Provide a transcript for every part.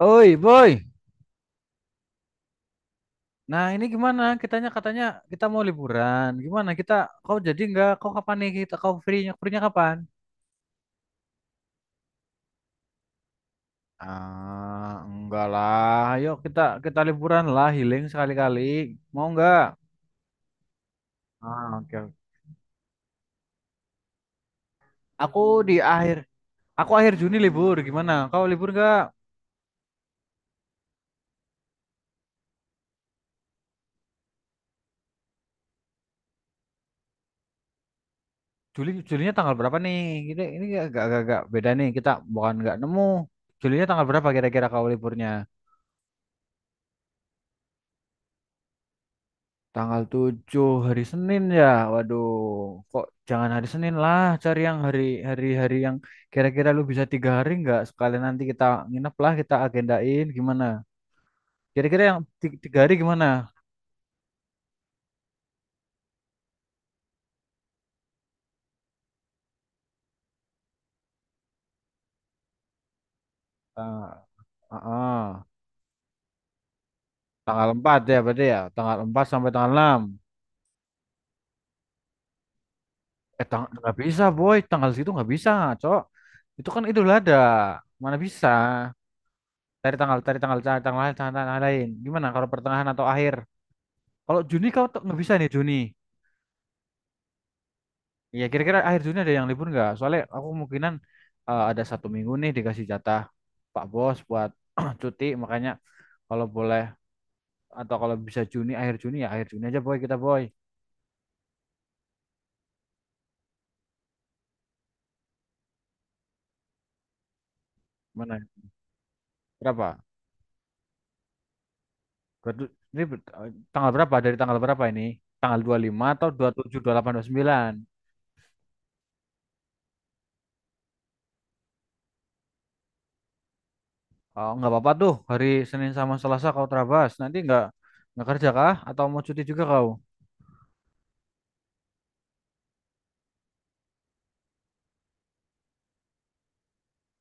Oi, boy. Nah, ini gimana? Kitanya katanya kita mau liburan. Gimana kita? Kau jadi nggak? Kau kapan nih kita? Kau free-nya? Free-nya kapan? Ah, enggak lah. Ayo kita kita liburan lah, healing sekali-kali. Mau nggak? Ah, oke. Oke. Aku di akhir, aku akhir Juni libur. Gimana? Kau libur nggak? Juli, Julinya tanggal berapa nih? Ini agak-agak beda nih. Kita bukan nggak nemu. Julinya tanggal berapa kira-kira kau liburnya? Tanggal 7 hari Senin ya. Waduh, kok jangan hari Senin lah, cari yang hari hari hari yang kira-kira lu bisa tiga hari nggak? Sekalian nanti kita nginep lah, kita agendain gimana? Kira-kira yang tiga hari gimana? Ah, ah. Tanggal 4 ya berarti ya, tanggal empat sampai tanggal enam. Eh, tang Nggak bisa boy, tanggal situ nggak bisa, cok. Itu kan Idul Adha, mana bisa? Cari tanggal, cari tanggal, cari tanggal lain, tanggal, tanggal lain. Gimana kalau pertengahan atau akhir? Kalau Juni kau tuh nggak bisa nih Juni. Iya, kira-kira akhir Juni ada yang libur nggak? Soalnya aku kemungkinan ada satu minggu nih dikasih jatah Pak Bos buat cuti, makanya kalau boleh atau kalau bisa Juni, akhir Juni ya akhir Juni aja boy kita boy. Mana? Berapa? Tanggal berapa? Dari tanggal berapa ini? Tanggal 25 atau dua puluh tujuh, dua puluh delapan, dua puluh tujuh 27, 28, 29? Oh, nggak apa-apa tuh hari Senin sama Selasa kau terabas. Nanti nggak kerja kah? Atau mau cuti juga kau?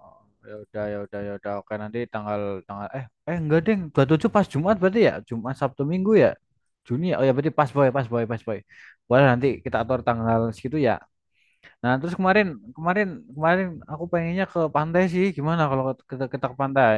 Oh, ya udah, oke, nanti tanggal tanggal eh eh enggak ding 27 pas Jumat berarti ya Jumat Sabtu Minggu ya Juni ya, oh ya berarti pas boy. Boleh nanti kita atur tanggal segitu ya. Nah terus kemarin kemarin kemarin aku pengennya ke pantai sih. Gimana kalau kita ke pantai?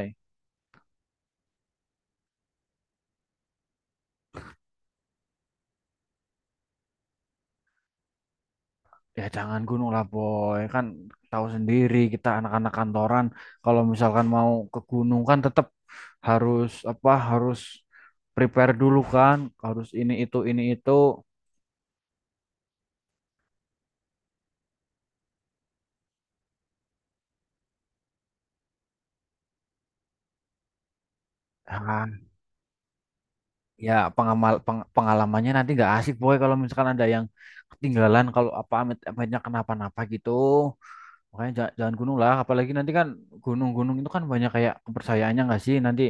Ya jangan gunung lah boy, kan tahu sendiri kita anak-anak kantoran, kalau misalkan mau ke gunung kan tetap harus apa harus prepare dulu kan, harus ini itu. Ah, ya pengalamannya nanti nggak asik boy kalau misalkan ada yang ketinggalan, kalau apa, amit amitnya kenapa-napa gitu, makanya jangan gunung lah, apalagi nanti kan gunung-gunung itu kan banyak kayak kepercayaannya nggak sih, nanti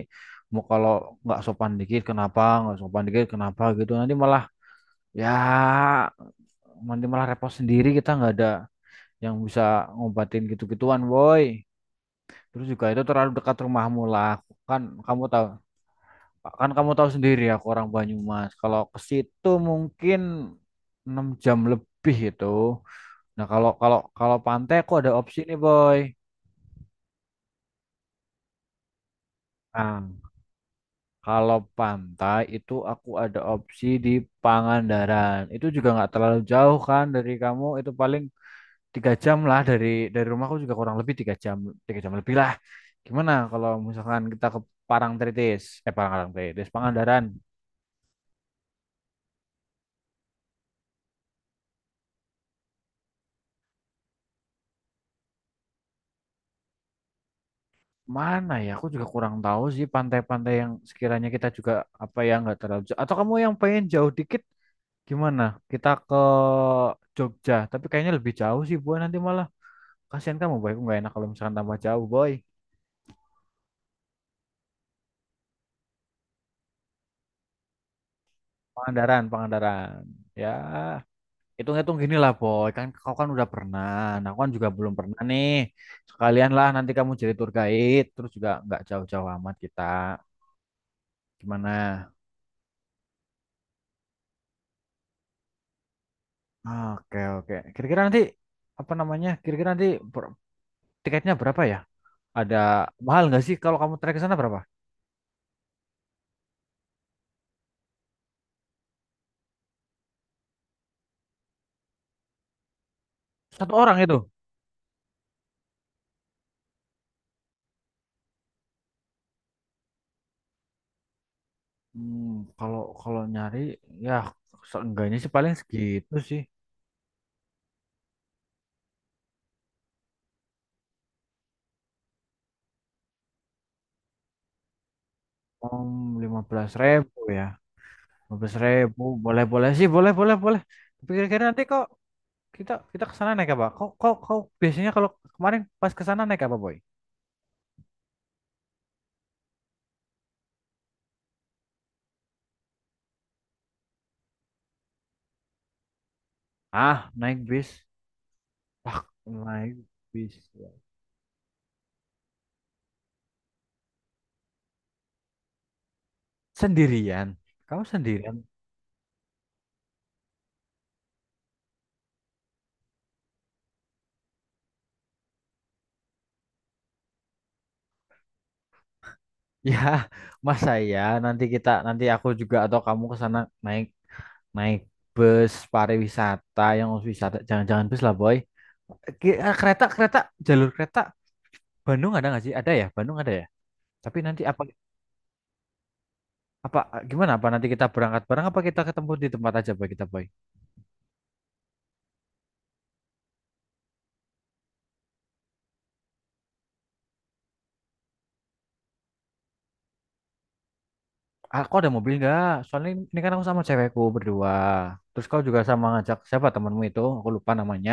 mau kalau nggak sopan dikit kenapa, nggak sopan dikit kenapa gitu, nanti malah ya nanti malah repot sendiri, kita nggak ada yang bisa ngobatin gitu-gituan boy. Terus juga itu terlalu dekat rumahmu lah. kan kamu tahu Kan kamu tahu sendiri aku orang Banyumas. Kalau ke situ mungkin 6 jam lebih itu. Nah, kalau kalau kalau pantai aku ada opsi nih, Boy. Nah, kalau pantai itu aku ada opsi di Pangandaran. Itu juga nggak terlalu jauh kan dari kamu. Itu paling tiga jam lah dari rumahku, juga kurang lebih tiga jam lebih lah. Gimana kalau misalkan kita ke Parangtritis? Eh, Parangtritis, Pangandaran. Mana ya? Aku juga kurang tahu sih pantai-pantai yang sekiranya kita juga apa ya, nggak terlalu jauh. Atau kamu yang pengen jauh dikit gimana? Kita ke Jogja, tapi kayaknya lebih jauh sih boy nanti malah. Kasihan kamu boy, aku nggak enak kalau misalkan tambah jauh boy. Pangandaran, Pangandaran. Ya, hitung-hitung gini lah boy. Kan kau kan udah pernah, nah, aku kan juga belum pernah nih. Sekalian lah nanti kamu jadi tour guide, terus juga nggak jauh-jauh amat kita. Gimana? Oke, oke. Kira-kira nanti apa namanya? Kira-kira nanti per- tiketnya berapa ya? Ada mahal nggak sih, kalau kamu trek ke sana berapa? Satu orang itu. Hmm, kalau kalau nyari ya seenggaknya sih paling segitu sih. Om lima belas ribu ya. Lima belas ribu boleh boleh sih boleh boleh boleh. Tapi kira-kira nanti kok kita kita ke sana naik apa? Kok kok kau biasanya kalau kemarin pas ke sana naik apa boy? Ah naik bis. Ah naik bis. Sendirian. Kamu sendirian? Ya, masa ya nanti kita, nanti aku juga atau kamu ke sana naik naik bus pariwisata yang harus wisata, jangan-jangan bus lah boy. Kereta, jalur kereta Bandung ada nggak sih? Ada ya, Bandung ada ya. Tapi nanti apa, apa gimana, apa nanti kita berangkat bareng apa kita ketemu di tempat aja boy, kita boy. Aku ada mobil nggak, soalnya ini kan aku sama cewekku berdua, terus kau juga sama ngajak siapa temanmu itu, aku lupa namanya.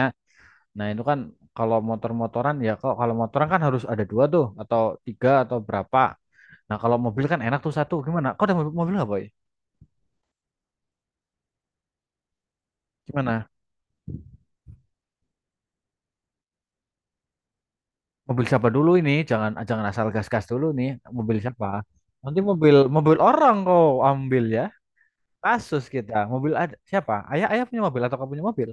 Nah itu kan kalau motor-motoran ya, kok kalau motoran kan harus ada dua tuh atau tiga atau berapa. Nah kalau mobil kan enak tuh satu, gimana kau ada mobil, mobil nggak boy? Gimana? Mobil siapa dulu ini? Jangan jangan asal gas-gas dulu nih. Mobil siapa? Nanti mobil mobil orang kau ambil ya. Kasus kita. Mobil ada siapa? Ayah Ayah punya mobil atau kau punya mobil?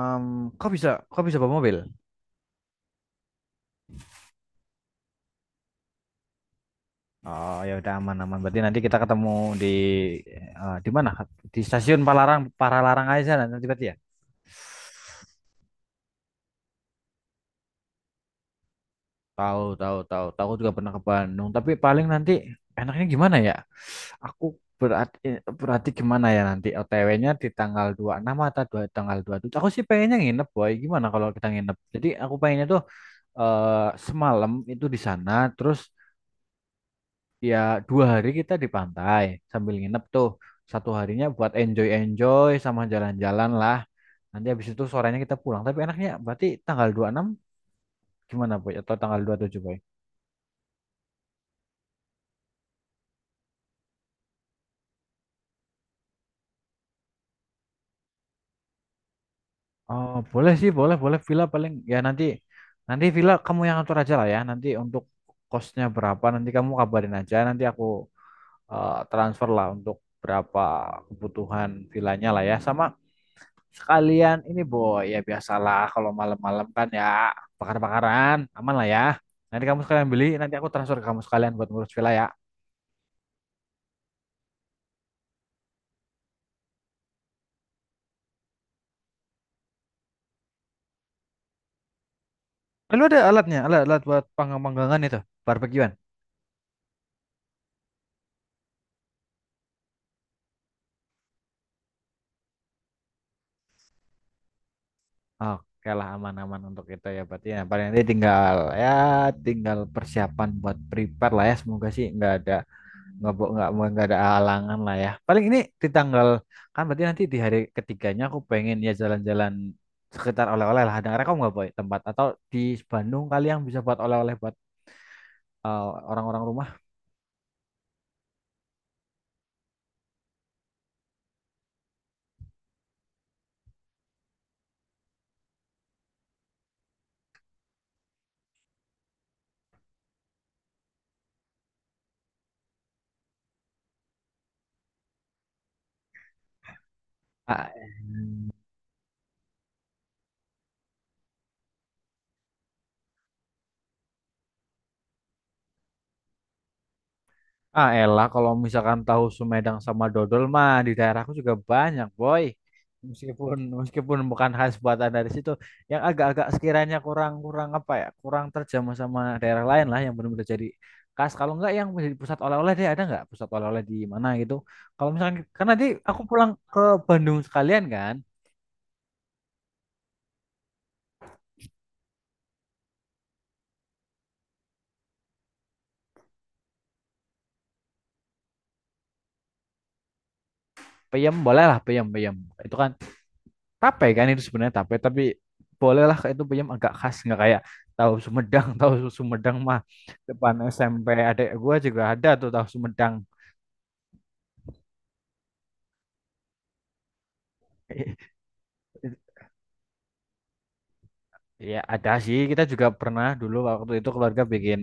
Em, kau bisa bawa mobil? Oh ya udah, aman aman. Berarti nanti kita ketemu di di mana? Di stasiun Palaran Paralarang aja sana nanti berarti ya. Tahu, tahu. Aku juga pernah ke Bandung. Tapi paling nanti enaknya gimana ya? Aku berarti, gimana ya nanti OTW-nya di tanggal dua puluh enam atau dua, tanggal dua puluh tujuh. Aku sih pengennya nginep, boy. Gimana kalau kita nginep? Jadi aku pengennya tuh eh, semalam itu di sana, terus ya dua hari kita di pantai sambil nginep tuh. Satu harinya buat enjoy-enjoy sama jalan-jalan lah. Nanti habis itu sorenya kita pulang. Tapi enaknya berarti tanggal dua puluh enam gimana, boy? Atau tanggal dua puluh tujuh boy? Oh, boleh sih, boleh, boleh villa. Paling ya nanti nanti villa kamu yang atur aja lah ya. Nanti untuk kosnya berapa nanti kamu kabarin aja. Nanti aku transfer lah untuk berapa kebutuhan villanya lah ya. Sama sekalian ini boy ya, biasalah kalau malam-malam kan ya bakar-bakaran aman lah ya. Nanti kamu sekalian beli, nanti aku transfer ke kamu sekalian buat ngurus villa ya. Eh, ada alatnya, alat alat buat panggang-panggangan itu, barbekyuan. Oke lah, aman-aman untuk itu ya. Berarti ya paling nanti tinggal ya tinggal persiapan buat prepare lah ya, semoga sih nggak ada nggak bo- nggak mau- nggak ada halangan lah ya. Paling ini di tanggal kan, berarti nanti di hari ketiganya aku pengen ya jalan-jalan sekitar oleh-oleh lah. Ada rekom nggak boy tempat atau di Bandung kalian bisa buat oleh-oleh buat eh, orang-orang rumah? Ah, Ah, elah kalau misalkan tahu Sumedang sama dodol mah di daerahku juga banyak, boy. Meskipun meskipun bukan khas buatan dari situ, yang agak-agak sekiranya kurang-kurang apa ya, kurang terjamah sama daerah lain lah yang benar-benar jadi khas. Kalau enggak yang menjadi pusat oleh-oleh deh, ada nggak pusat oleh-oleh di mana gitu? Kalau misalkan karena nanti aku pulang ke Bandung sekalian kan, peyem boleh lah, peyem peyem. Itu kan tape kan, itu sebenarnya tape tapi bolehlah, itu peyem agak khas nggak kayak tahu Sumedang. Tahu Sumedang mah depan SMP adek gua juga ada tuh tahu Sumedang. Ya ada sih, kita juga pernah dulu waktu itu keluarga bikin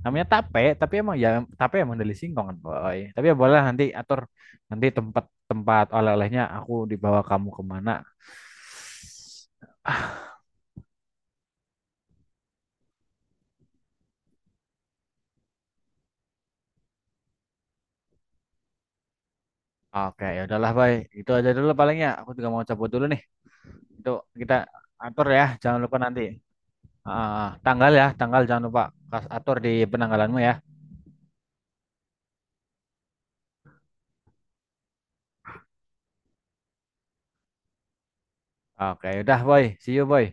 namanya tape, tapi emang ya tape emang dari singkong kan boy. Tapi ya boleh nanti atur nanti tempat tempat oleh-olehnya, aku dibawa kamu kemana. Ah, oke ya udahlah boy, itu aja dulu palingnya, aku juga mau cabut dulu nih. Itu kita atur ya, jangan lupa nanti. Ah, tanggal ya, tanggal jangan lupa kas atur di penanggalanmu ya. Oke, udah boy, see you boy.